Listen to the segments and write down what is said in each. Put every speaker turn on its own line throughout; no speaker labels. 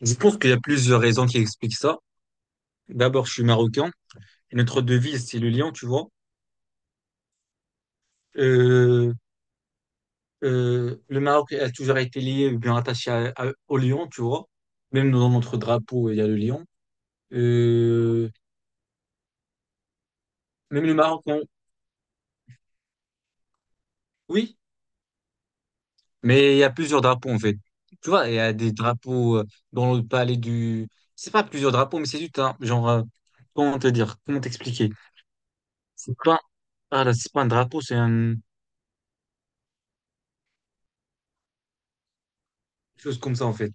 Je pense qu'il y a plusieurs raisons qui expliquent ça. D'abord, je suis marocain. Et notre devise, c'est le lion, tu vois. Euh, le Maroc a toujours été lié, ou bien attaché au lion, tu vois. Même dans notre drapeau, il y a le lion. Euh, même le Maroc, oui. Mais il y a plusieurs drapeaux, en fait. Tu vois, il y a des drapeaux dans le palais du... C'est pas plusieurs drapeaux, mais c'est juste un... Genre, comment te dire? Comment t'expliquer? C'est pas... Ah là, c'est pas un drapeau, c'est une chose comme ça, en fait.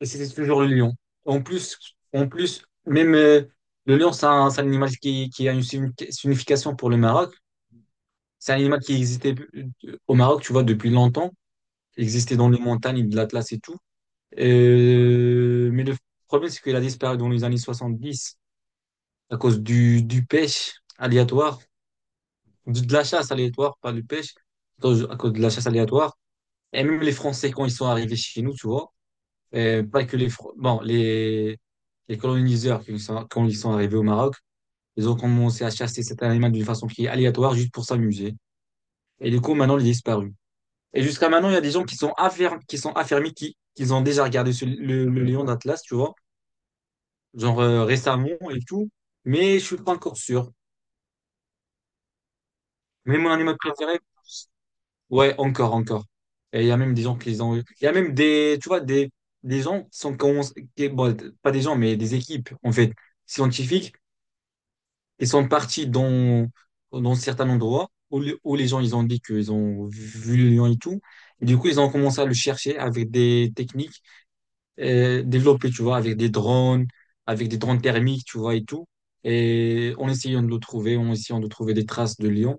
Et c'était toujours le lion. En plus, en plus, même le lion, c'est un animal qui a une signification pour le Maroc. C'est un animal qui existait au Maroc, tu vois, depuis longtemps. Il existait dans les montagnes de l'Atlas et tout. Mais le problème, c'est qu'il a disparu dans les années 70, à cause du pêche aléatoire, de la chasse aléatoire, pas du pêche, à cause de la chasse aléatoire. Et même les Français, quand ils sont arrivés chez nous, tu vois, pas que les, bon, les coloniseurs, quand ils sont arrivés au Maroc, ils ont commencé à chasser cet animal d'une façon qui est aléatoire, juste pour s'amuser. Et du coup, maintenant, il est disparu. Et jusqu'à maintenant, il y a des gens qui sont affermis, qui ont déjà regardé le lion d'Atlas, tu vois, genre récemment et tout. Mais je suis pas encore sûr. Mais mon animal préféré. Ouais, encore, encore. Et il y a même des gens qui les ont eu. Il y a même des, tu vois, des, gens qui sont, qui ont- qui- bon, pas des gens, mais des équipes, en fait, scientifiques, qui sont partis dans certains endroits où, où les gens, ils ont dit qu'ils ont vu le lion et tout. Et du coup, ils ont commencé à le chercher avec des techniques développées, tu vois, avec des drones thermiques, tu vois, et tout. Et en essayant de le trouver, en essayant de trouver des traces de lion.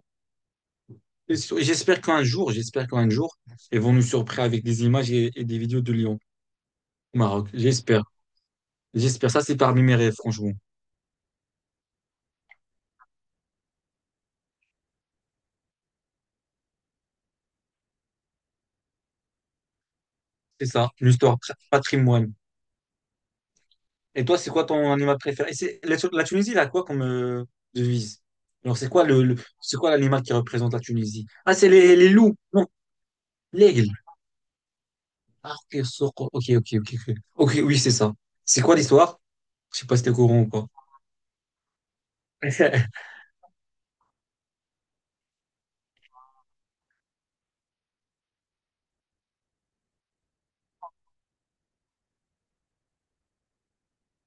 J'espère qu'un jour, ils vont nous surprendre avec des images et des vidéos de Lyon au Maroc. J'espère. J'espère. Ça, c'est parmi mes rêves, franchement. C'est ça, l'histoire, patrimoine. Et toi, c'est quoi ton animal préféré? La Tunisie, elle a quoi comme devise? Alors, c'est quoi c'est quoi l'animal qui représente la Tunisie? Ah, c'est les loups. Non, l'aigle. Ah, ok, ok, ok, ok. Ok, ok, oui, c'est ça. C'est quoi l'histoire? Je sais pas si t'es au courant ou pas.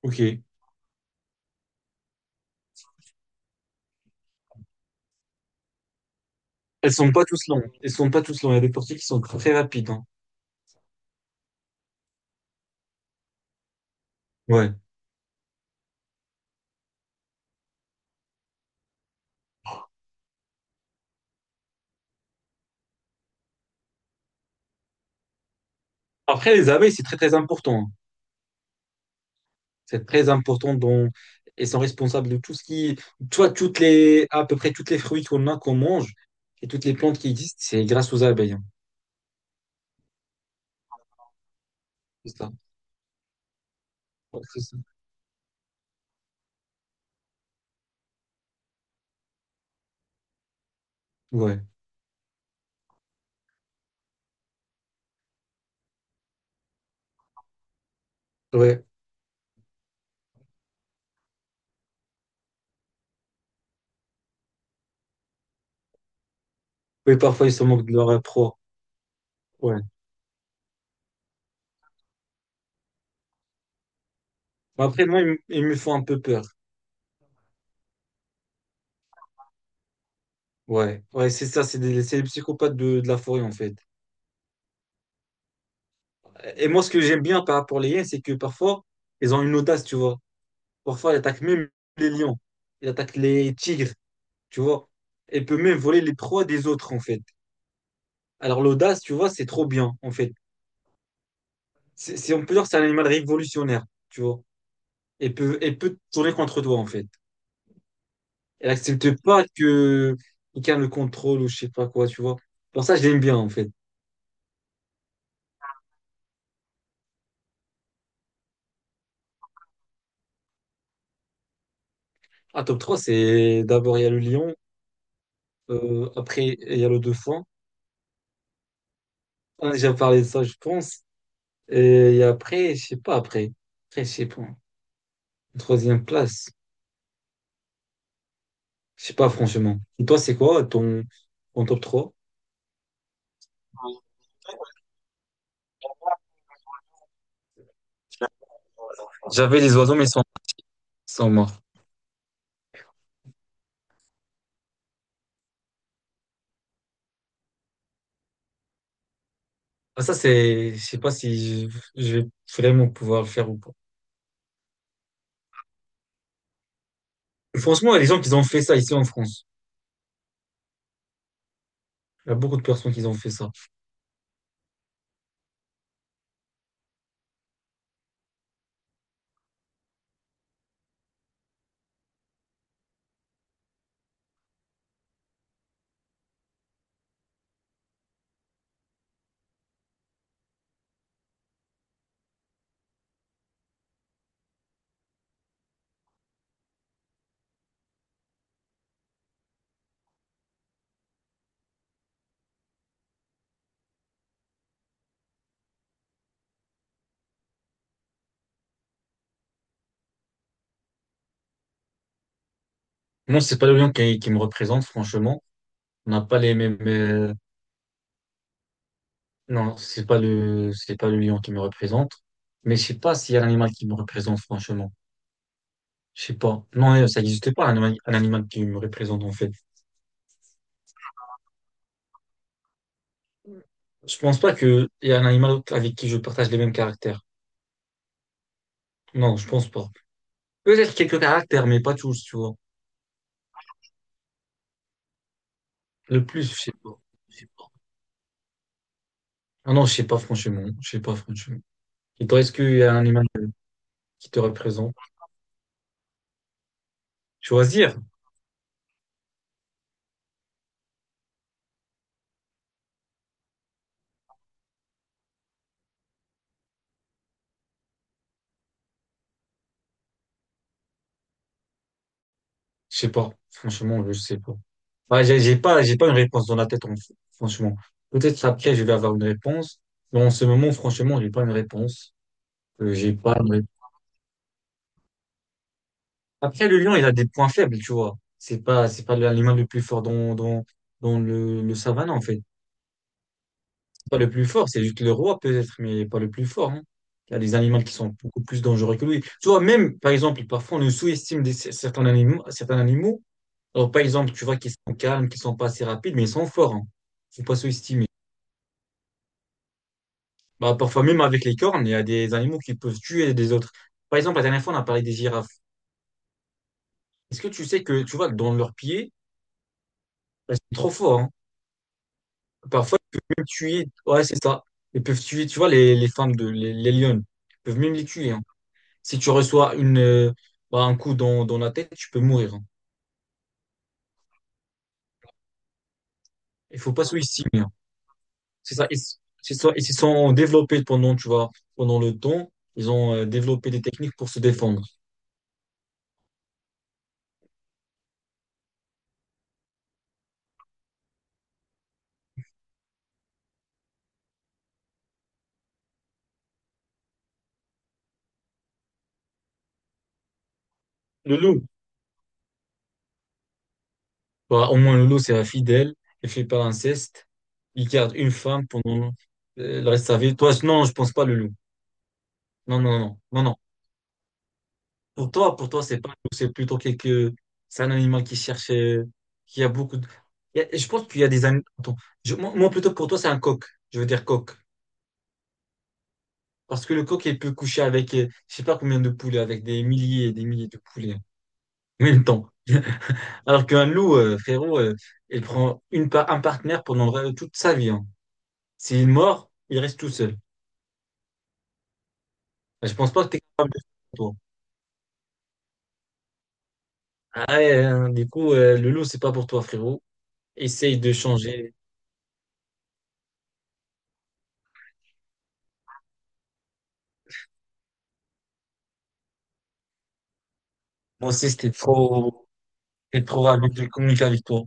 Ok. Elles sont pas tous longues. Elles sont pas tous longues. Il y a des portiers qui sont très rapides. Hein. Ouais. Après, les abeilles, c'est très, très important. C'est très important, dont elles sont responsables de tout ce qui... Toi, toutes les... à peu près toutes les fruits qu'on a, qu'on mange, et toutes les plantes qui existent, c'est grâce aux abeilles. Hein. C'est ça. Ouais, c'est ça. Ouais. Ouais. Oui, parfois, ils se moquent de leur proie. Ouais. Mais après, moi, ils me font un peu peur. Ouais. Ouais, c'est ça. C'est les psychopathes de la forêt, en fait. Et moi, ce que j'aime bien par rapport aux lions, c'est que parfois, ils ont une audace, tu vois. Parfois, ils attaquent même les lions. Ils attaquent les tigres, tu vois. Elle peut même voler les proies des autres, en fait. Alors l'audace, tu vois, c'est trop bien, en fait. On peut dire que c'est un animal révolutionnaire, tu vois. Elle peut tourner contre toi, en fait. Elle accepte pas que quelqu'un le contrôle ou je sais pas quoi, tu vois. Pour ça, je l'aime bien, en fait. À top trois, c'est d'abord, il y a le lion. Après, il y a le dauphin. On a déjà parlé de ça, je pense. Et après, je sais pas, après. Après, je sais pas. Troisième place. Je sais pas, franchement. Et toi, c'est quoi ton, top trois? J'avais les oiseaux, mais ils sont morts. Ah, ça, c'est, je sais pas si je vais vraiment pouvoir le faire ou pas. Franchement, les gens qui ont fait ça ici en France, il y a beaucoup de personnes qui ont fait ça. Non, c'est pas le lion qui me représente, franchement. On n'a pas les mêmes, non, c'est pas le lion qui me représente. Mais je sais pas s'il y a un animal qui me représente, franchement. Je sais pas. Non, ça n'existe pas, un animal qui me représente, en fait. Je pense pas qu'il y a un animal avec qui je partage les mêmes caractères. Non, je pense pas. Peut-être quelques caractères, mais pas tous, tu vois. Le plus, je sais pas. Je sais pas. Ah non, je sais pas franchement. Je sais pas franchement. Et toi, est-ce qu'il y a un animal qui te représente? Choisir? Je sais pas. Franchement, je sais pas. Bah, j'ai pas, j'ai pas, une réponse dans la tête, franchement. Peut-être après, je vais avoir une réponse. Mais en ce moment, franchement, j'ai pas une réponse. J'ai pas une ré-. Après, le lion, il a des points faibles, tu vois. C'est pas l'animal le plus fort dans le savane, en fait. Pas le plus fort, c'est juste le roi peut-être, mais pas le plus fort. Hein. Il y a des animaux qui sont beaucoup plus dangereux que lui. Tu vois, même, par exemple, parfois on nous sous-estime certains animaux, certains animaux. Alors, par exemple, tu vois qu'ils sont calmes, qu'ils sont pas assez rapides, mais ils sont forts. Hein Faut pas sous-estimer. Bah, parfois, même avec les cornes, il y a des animaux qui peuvent tuer des autres. Par exemple, la dernière fois, on a parlé des girafes. Est-ce que tu sais que, tu vois, dans leurs pieds, elles sont trop forts. Hein. Parfois, ils peuvent même tuer. Ouais, c'est ça. Ils peuvent tuer, tu vois, les femmes les lionnes. Ils peuvent même les tuer. Hein. Si tu reçois bah, un coup dans la tête, tu peux mourir. Hein. Il faut pas sous-estimer. Hein. C'est ça. C'est ça. Ils se sont développés pendant, tu vois, pendant le temps. Ils ont développé des techniques pour se défendre. Le loup, bah, au moins le loup, c'est fidèle. Il fait pas l'inceste. Il garde une femme pendant le reste de sa vie. Toi, non, je pense pas le loup. Non, non, non, non, non. Pour toi, c'est pas un loup, c'est un animal qui cherche, qui a beaucoup de, il y a- je pense qu'il y a des animaux, attends, moi, plutôt pour toi, c'est un coq, je veux dire coq. Parce que le coq, il peut coucher avec, je sais pas combien de poulets, avec des milliers et des milliers de poulets, hein, en même temps. Alors qu'un loup, frérot, il prend un partenaire pendant toute sa vie, hein. S'il mord, il reste tout seul. Je pense pas que t'es capable de faire, toi. Ah ouais, hein, du coup, le loup, c'est pas pour toi, frérot. Essaye de changer. Moi aussi, c'était trop. Et communiquer avec toi.